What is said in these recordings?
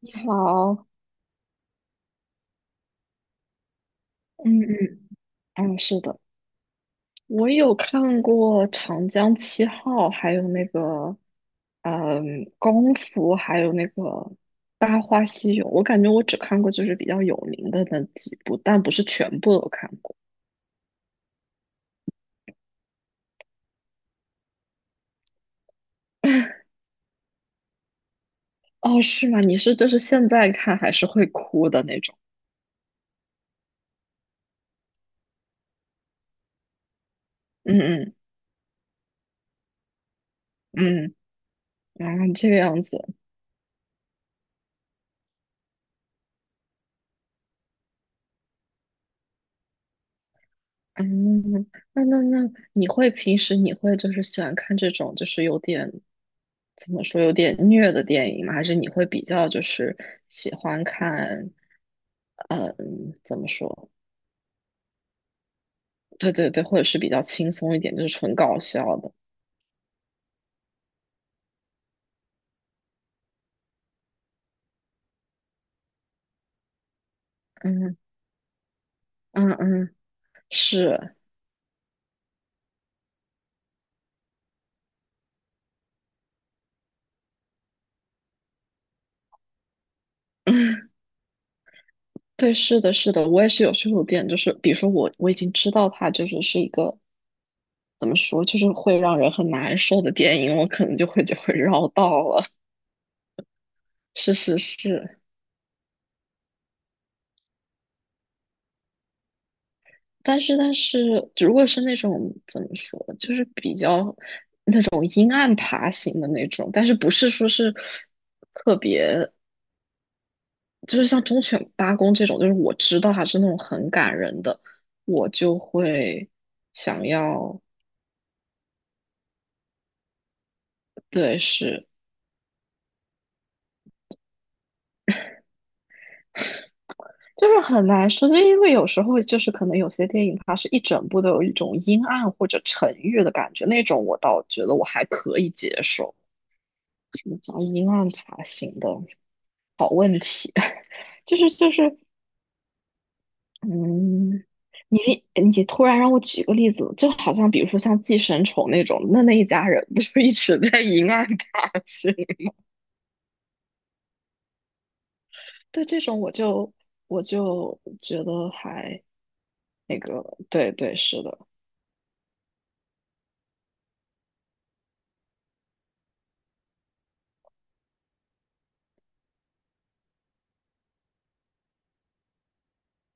你好。嗯嗯，是的，我有看过《长江七号》，还有那个，嗯，《功夫》，还有那个《大话西游》。我感觉我只看过就是比较有名的那几部，但不是全部都看过。哦，是吗？你是就是现在看还是会哭的那种？嗯嗯嗯。这个样子。嗯，那那那，你会平时你会就是喜欢看这种就是有点怎么说有点虐的电影吗？还是你会比较就是喜欢看，嗯，怎么说？对对对，或者是比较轻松一点，就是纯搞笑的。嗯嗯嗯，是，对，是的，是的，我也是有时候有点就是，比如说我已经知道它就是是一个怎么说，就是会让人很难受的电影，我可能就会绕道了。是是是。但是如果是那种怎么说，就是比较那种阴暗爬行的那种，但是不是说是特别，就是像忠犬八公这种，就是我知道它是那种很感人的，我就会想要，对，是。就是很难说，就因为有时候就是可能有些电影它是一整部都有一种阴暗或者沉郁的感觉，那种我倒觉得我还可以接受。什么叫阴暗爬行的好问题？就是，嗯，你突然让我举个例子，就好像比如说像寄生虫那种，那一家人不就一直在阴暗爬行？对这种我就觉得还那个，对对是的，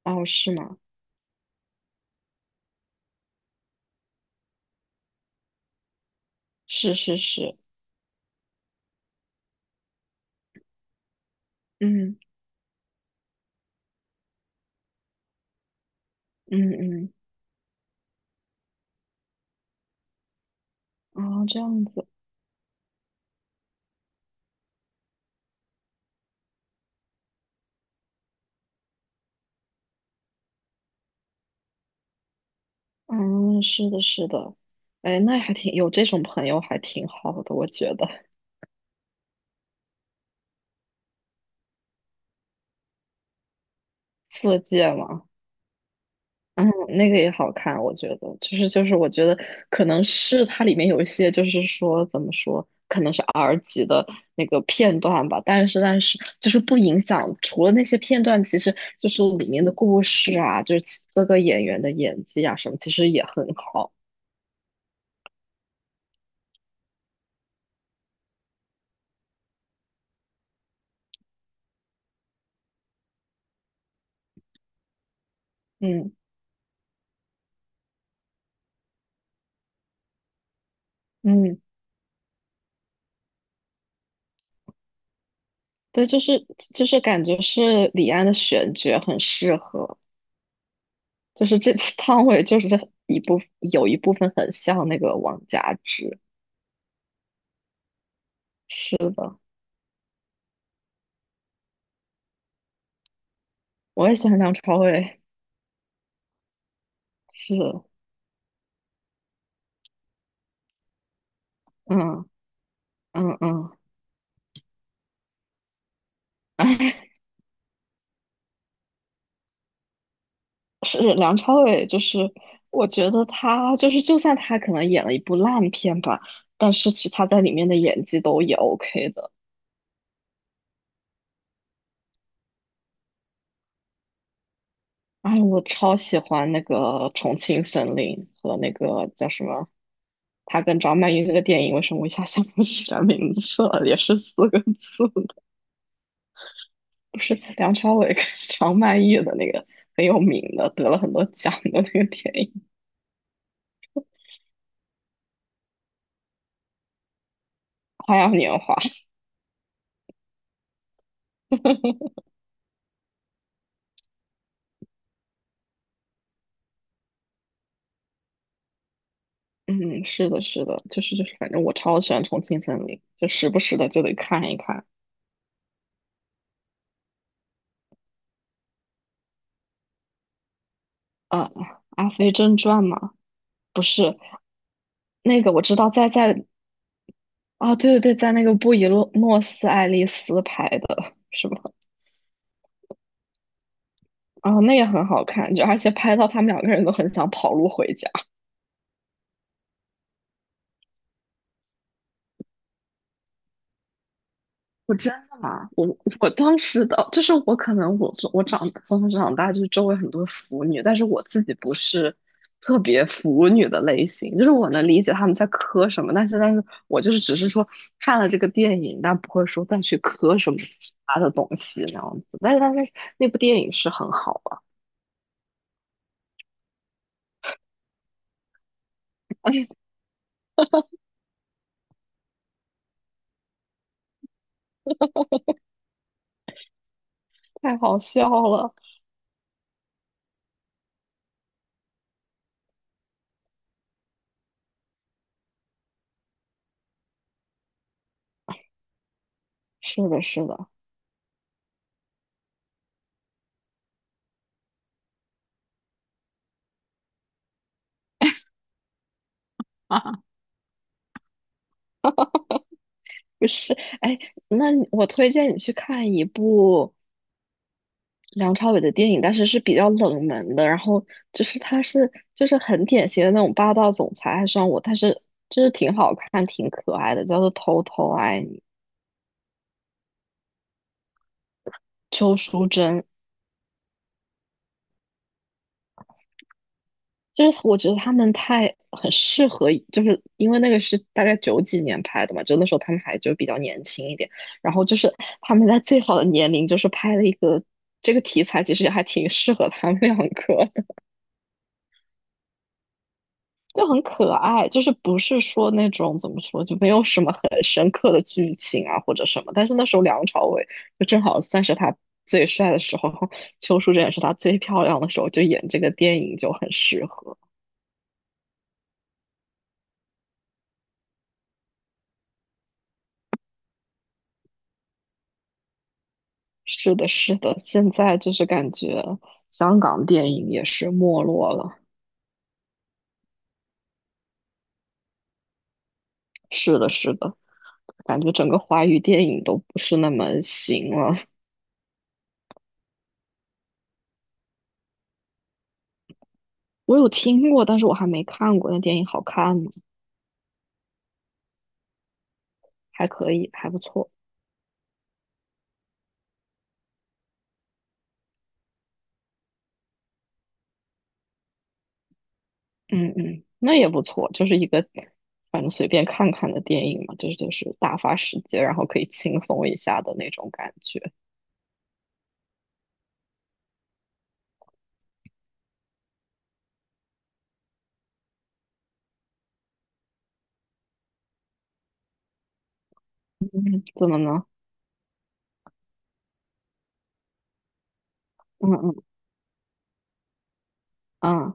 哦是吗？是是是，嗯嗯嗯，啊、这样子，嗯是的是的，哎那还挺有这种朋友还挺好的，我觉得色戒 嘛。那个也好看，我觉得我觉得可能是它里面有一些就是说怎么说，可能是 R 级的那个片段吧，但是就是不影响，除了那些片段，其实就是里面的故事啊，就是其各个演员的演技啊什么，其实也很好。嗯嗯，对，就是感觉是李安的选角很适合，就是这 汤唯就是这一部有一部分很像那个王佳芝。是的。我也喜欢梁朝伟，是，嗯嗯嗯，是梁朝伟，就是我觉得他就是，就算他可能演了一部烂片吧，但是其他在里面的演技都也 OK 的。哎，我超喜欢那个《重庆森林》和那个叫什么，他跟张曼玉那个电影，为什么我一下想不起来名字了？也是四个字的， 不是梁朝伟跟张曼玉的那个很有名的，得了很多奖的那个电影《花样年华》。嗯，是的，是的，反正我超喜欢《重庆森林》，就时不时的就得看一看。啊，《阿飞正传》嘛，不是那个我知道在啊，对对对，在那个布宜诺诺斯艾利斯拍的，是吧？啊，那也很好看，就而且拍到他们两个人都很想跑路回家。我真的吗？我我当时的就是我可能我长从小长大就是周围很多腐女，但是我自己不是特别腐女的类型，就是我能理解他们在磕什么，但是我就是只是说看了这个电影，但不会说再去磕什么其他的东西那样子。但是那部电影是很好啊，哎太好笑了。是的，是的，啊，不是，哎，那我推荐你去看一部。梁朝伟的电影，但是是比较冷门的。然后他是就是很典型的那种霸道总裁爱上我，但是就是挺好看、挺可爱的，叫做《偷偷爱你》。邱淑贞，就是我觉得他们太很适合，就是因为那个是大概九几年拍的嘛，就那时候他们还就比较年轻一点。然后就是他们在最好的年龄，就是拍了一个这个题材，其实也还挺适合他们两个。就很可爱，就是不是说那种怎么说，就没有什么很深刻的剧情啊或者什么。但是那时候梁朝伟就正好算是他最帅的时候，邱淑贞也是他最漂亮的时候，就演这个电影就很适合。是的，是的，现在就是感觉香港电影也是没落了。是的，是的，感觉整个华语电影都不是那么行了。我有听过，但是我还没看过。那电影好看吗？还可以，还不错。嗯嗯，那也不错，就是一个反正随便看看的电影嘛，就是打发时间，然后可以轻松一下的那种感觉，怎么呢？嗯嗯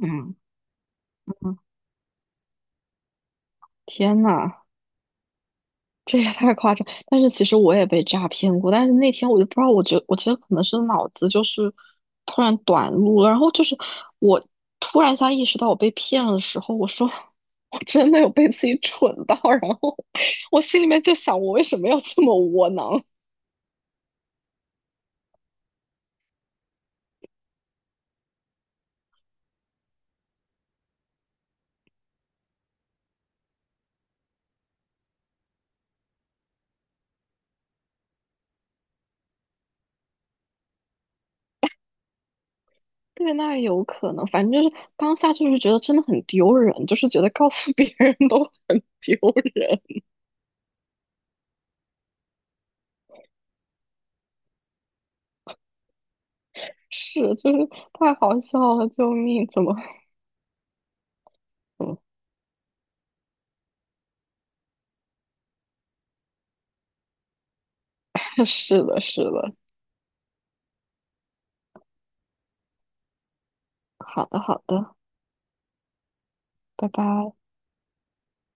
嗯嗯，天呐，这也太夸张！但是其实我也被诈骗过，但是那天我就不知道，我觉得可能是脑子就是突然短路了，然后就是我突然一下意识到我被骗了的时候，我说我真的有被自己蠢到，然后我心里面就想，我为什么要这么窝囊？对，那也有可能。反正就是当下就是觉得真的很丢人，就是觉得告诉别人都很丢人，是，就是太好笑了，救命！怎么，嗯，是的，是的。好的，好的，拜拜。